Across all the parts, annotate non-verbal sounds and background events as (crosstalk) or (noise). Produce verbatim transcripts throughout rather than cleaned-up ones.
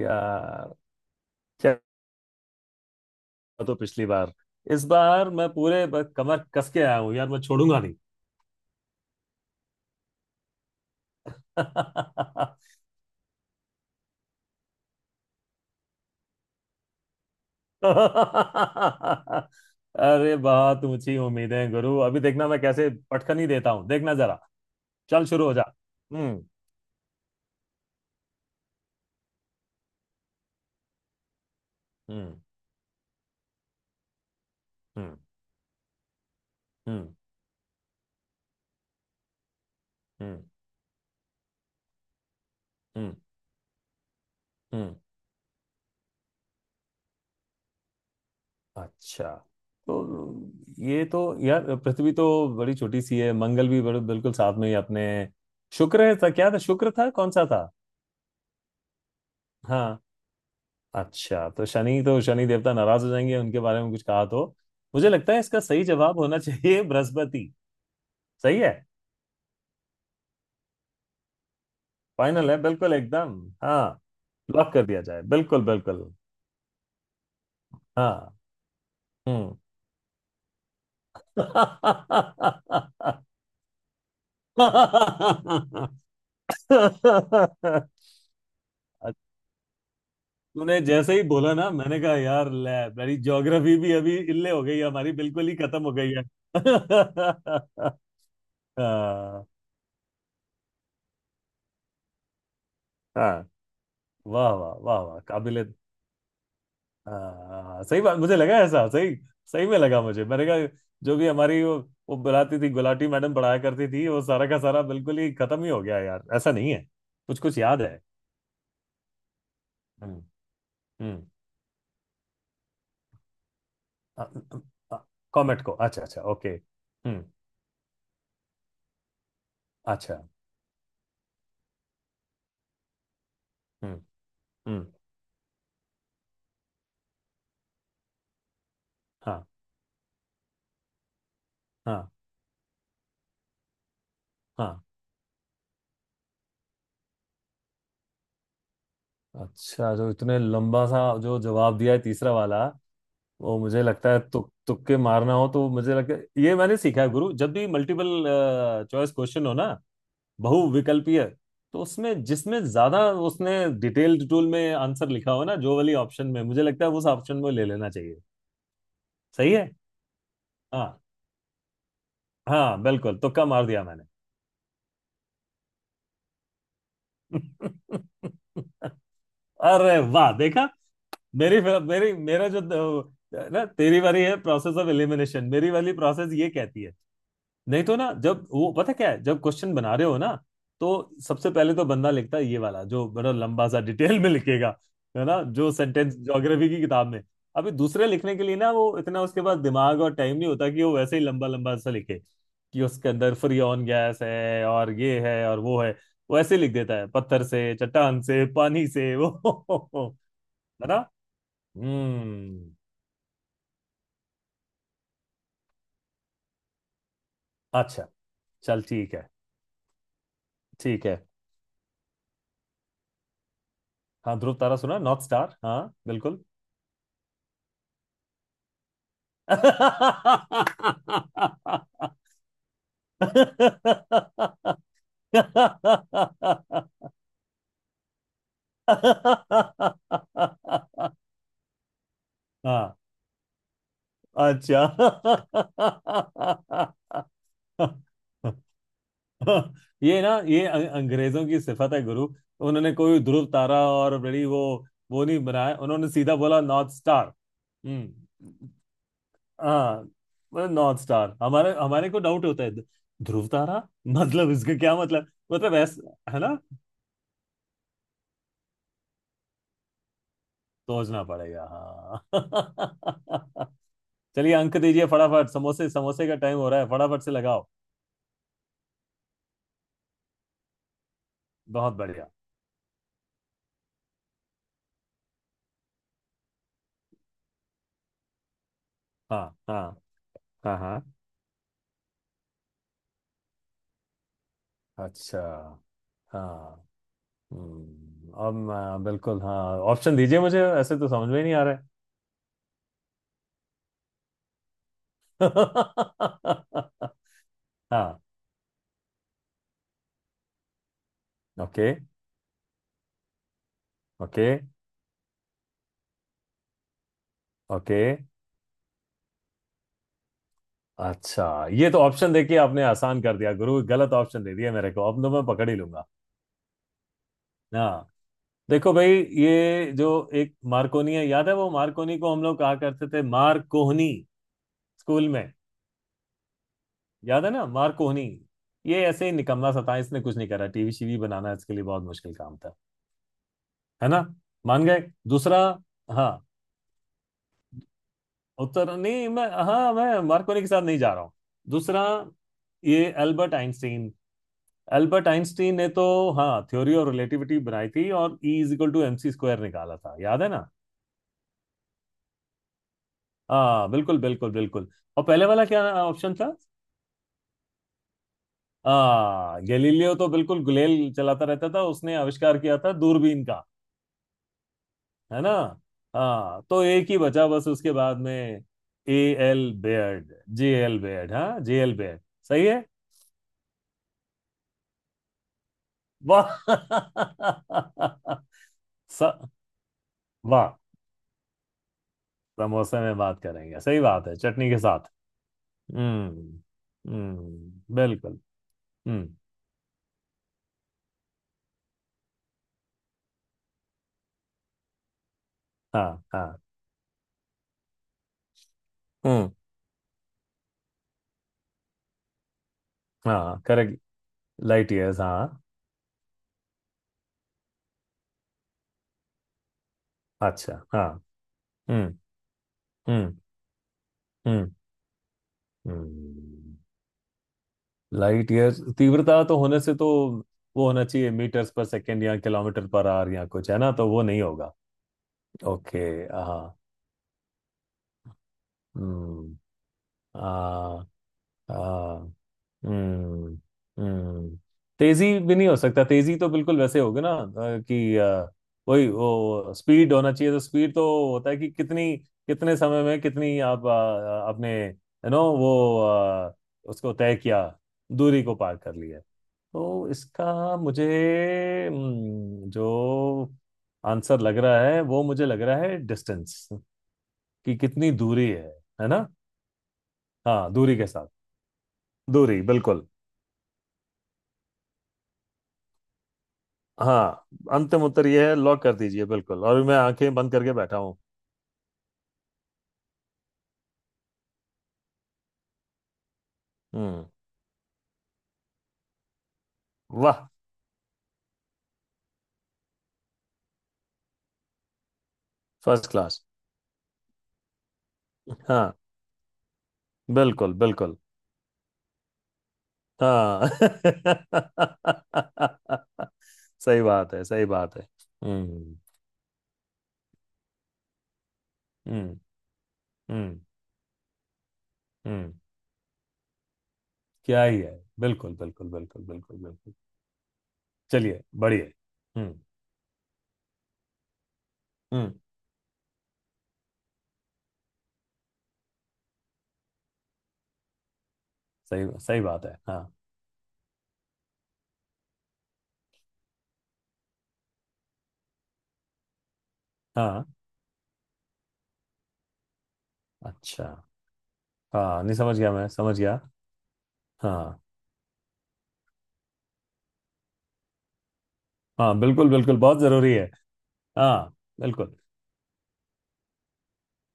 यार क्या हुआ तो पिछली बार। इस बार मैं पूरे ब- कमर कस के आया हूँ यार, मैं छोड़ूंगा नहीं। (laughs) अरे बहुत ऊंची उम्मीदें गुरु, अभी देखना मैं कैसे पटखनी देता हूँ, देखना जरा। चल शुरू हो जा। हम्म। हम्म। हम्म। हम्म। हम्म। हम्म। हम्म। अच्छा, तो ये तो, यार पृथ्वी तो बड़ी छोटी सी है, मंगल भी बड़े बिल्कुल साथ में ही अपने। शुक्र है, था क्या था, शुक्र था, कौन सा था। हाँ, अच्छा तो शनि, तो शनि देवता नाराज हो जाएंगे उनके बारे में कुछ कहा तो। मुझे लगता है इसका सही जवाब होना चाहिए (laughs) बृहस्पति। सही है। फाइनल है बिल्कुल एकदम। हाँ, लॉक कर दिया जाए, बिल्कुल बिल्कुल। हाँ। हम्म। (laughs) अच्छा, तूने जैसे ही बोला ना मैंने कहा यार ले। मेरी ज्योग्राफी भी अभी इल्ले हो गई है, हमारी बिल्कुल ही खत्म हो गई है। (laughs) हाँ। हाँ, वाह वाह वाह वाह, काबिले। हाँ सही बात, मुझे लगा ऐसा सही। सही में लगा मुझे, मैंने कहा जो भी हमारी वो, वो बुलाती थी गुलाटी मैडम, पढ़ाया करती थी, वो सारा का सारा बिल्कुल ही खत्म ही हो गया यार, ऐसा नहीं है कुछ कुछ याद है। हम्म। हम्म। कॉमेट को, अच्छा अच्छा ओके। हम्म। अच्छा। हम्म। हम्म। हाँ। हाँ। हाँ, अच्छा, जो इतने लंबा सा जो जवाब दिया है तीसरा वाला, वो मुझे लगता है, तुक तुक्के मारना हो तो, मुझे लगता है ये मैंने सीखा है गुरु, जब भी मल्टीपल चॉइस क्वेश्चन हो ना, बहुविकल्पीय, तो उसमें जिसमें ज्यादा उसने डिटेल्ड टूल में आंसर लिखा हो ना, जो वाली ऑप्शन में, मुझे लगता है उस ऑप्शन में ले लेना चाहिए। सही है। हाँ, हाँ बिल्कुल, तुक्का मार दिया मैंने। (laughs) अरे वाह, देखा। मेरी मेरी मेरा जो, अ, ना, तेरी वाली है प्रोसेस ऑफ एलिमिनेशन, मेरी वाली प्रोसेस ये कहती है, नहीं तो ना, जब वो पता क्या है, जब क्वेश्चन बना रहे हो ना, तो सबसे पहले तो बंदा लिखता है ये वाला, जो बड़ा लंबा सा डिटेल में लिखेगा, है ना, जो सेंटेंस ज्योग्राफी की किताब में। अभी दूसरे लिखने के लिए ना, वो इतना उसके पास दिमाग और टाइम नहीं होता कि वो वैसे ही लंबा लंबा सा लिखे कि उसके अंदर फ्रियोन गैस है और ये है और वो है। वो ऐसे लिख देता है, पत्थर से, चट्टान से, पानी से वो। (laughs) है ना। हम्म। अच्छा, चल ठीक है। ठीक है। हाँ, ध्रुव तारा सुना, नॉर्थ स्टार, हाँ बिल्कुल। (laughs) हाँ। अच्छा, ये ना, ये अं- अंग्रेजों की सिफत है गुरु, उन्होंने कोई ध्रुव तारा और बड़ी वो वो नहीं बनाया, उन्होंने सीधा बोला नॉर्थ स्टार। हम्म। हाँ, मतलब नॉर्थ स्टार, हमारे हमारे को डाउट होता है ध्रुव तारा मतलब इसका क्या मतलब, मतलब ऐसा है ना। सोचना पड़ेगा हाँ। (laughs) चलिए अंक दीजिए फटाफट, समोसे समोसे का टाइम हो रहा है, फटाफट से लगाओ। बहुत बढ़िया। हाँ। हाँ। हाँ। हाँ। अच्छा। हाँ। हम्म, अब आ, बिल्कुल हाँ, ऑप्शन दीजिए मुझे, ऐसे तो समझ में ही नहीं आ रहा है। (laughs) हाँ। ओके। ओके। ओके। अच्छा, ये तो ऑप्शन देखिए, आपने आसान कर दिया गुरु, गलत ऑप्शन दे दिया मेरे को, अब तो मैं पकड़ ही लूंगा। हाँ, देखो भाई, ये जो एक मार्कोनी है, याद है वो, मार्कोनी को हम लोग कहा करते थे मार कोहनी, स्कूल में, याद है ना मार कोहनी। ये ऐसे ही निकम्मा सा था, इसने कुछ नहीं करा, टीवी शीवी बनाना इसके लिए बहुत मुश्किल काम था, है ना, मान गए दूसरा। हाँ, उत्तर नहीं, मैं, हाँ मैं मार्कोनी के साथ नहीं जा रहा हूँ, दूसरा। ये अल्बर्ट आइंस्टीन, अल्बर्ट आइंस्टीन ने तो, हाँ थ्योरी ऑफ रिलेटिविटी बनाई थी, और E is equal to M C square निकाला था, याद है ना। हाँ बिल्कुल बिल्कुल बिल्कुल। और पहले वाला क्या ऑप्शन था। हाँ, गैलीलियो तो बिल्कुल गुलेल चलाता रहता था, उसने आविष्कार किया था दूरबीन का, है ना। हाँ तो एक ही बचा बस उसके बाद में, A L Baird, J L Baird, हाँ जे एल बेयर्ड। सही है। वाह। (laughs) स- वाह, समोसे में बात करेंगे, सही बात है, चटनी के साथ। हम्म। हम्म बिल्कुल। हम्म। हाँ। हाँ। हम्म। हाँ करेक्ट। लाइट ईयर्स हाँ। अच्छा। हाँ। हम्म। हम्म। हम्म। हम्म, लाइट ईयर्स तीव्रता तो होने से तो, वो होना चाहिए मीटर्स पर सेकेंड या किलोमीटर पर आवर या कुछ, है ना, तो वो नहीं होगा। ओके। हाँ। हम्म। हाँ। हाँ, हम्म। हम्म, तेजी भी नहीं हो सकता, तेजी तो बिल्कुल वैसे होगी ना, अ, कि अ, वही वो स्पीड होना चाहिए, तो स्पीड तो होता है कि कितनी, कितने समय में कितनी आप, अ, आपने यू नो वो अ, उसको तय किया, दूरी को पार कर लिया। तो इसका मुझे, हम्म, जो आंसर लग रहा है वो मुझे लग रहा है डिस्टेंस, कि कितनी दूरी है है ना। हाँ, दूरी के साथ, दूरी बिल्कुल, हाँ अंतिम उत्तर ये है, लॉक कर दीजिए बिल्कुल, और मैं आंखें बंद करके बैठा हूँ। हम्म। वाह, फर्स्ट क्लास। हाँ बिल्कुल बिल्कुल। हाँ। (laughs) सही बात है सही बात है। हम्म। हम्म। हम्म। हम्म। क्या ही है, बिल्कुल बिल्कुल बिल्कुल बिल्कुल बिल्कुल। चलिए बढ़िया। हम्म। हम्म। सही, सही बात है हाँ। हाँ। अच्छा। हाँ नहीं, समझ गया मैं, समझ गया। हाँ। हाँ बिल्कुल बिल्कुल, बहुत जरूरी है। हाँ बिल्कुल।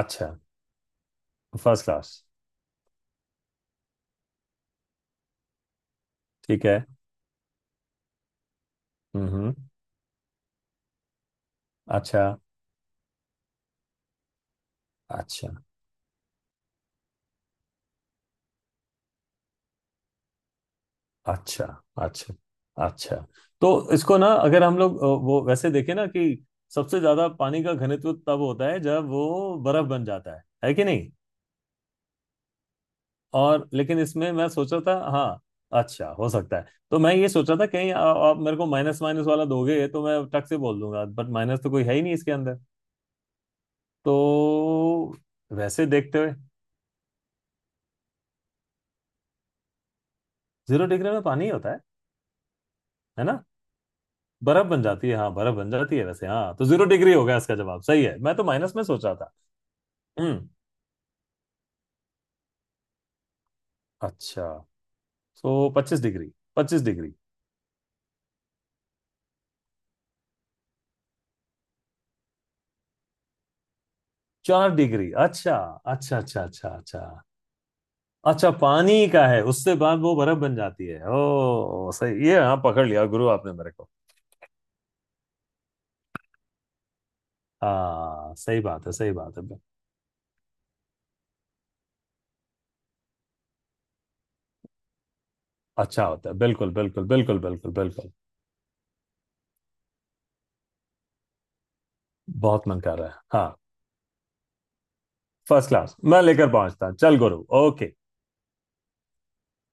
अच्छा। First class. ठीक है। हम्म। अच्छा अच्छा अच्छा अच्छा। अच्छा, तो इसको ना, अगर हम लोग अ, वो वैसे देखें ना, कि सबसे ज्यादा पानी का घनत्व तब होता है जब वो बर्फ बन जाता है है कि नहीं, और, लेकिन इसमें मैं सोचा था हाँ। अच्छा, हो सकता है। तो मैं ये सोचा था कहीं आ, आप मेरे को माइनस माइनस वाला दोगे तो मैं टक से बोल दूंगा, बट माइनस तो कोई है ही नहीं इसके अंदर, तो, वैसे देखते हुए जीरो डिग्री में पानी ही होता है है ना। बर्फ बन जाती है, हाँ बर्फ बन जाती है वैसे, हाँ तो जीरो डिग्री हो गया, इसका जवाब सही है, मैं तो माइनस में सोच रहा था। हम्म। अच्छा, तो पच्चीस डिग्री, पच्चीस डिग्री। चार डिग्री, अच्छा अच्छा अच्छा अच्छा अच्छा। अच्छा, पानी का है, उससे बाद वो बर्फ बन जाती है, ओ सही, ये हाँ, पकड़ लिया गुरु आपने मेरे को। हाँ सही बात है सही बात है। अच्छा होता है, बिल्कुल बिल्कुल बिल्कुल बिल्कुल बिल्कुल। बहुत मन कर रहा है हाँ। फर्स्ट क्लास, मैं लेकर पहुंचता, चल गुरु, ओके।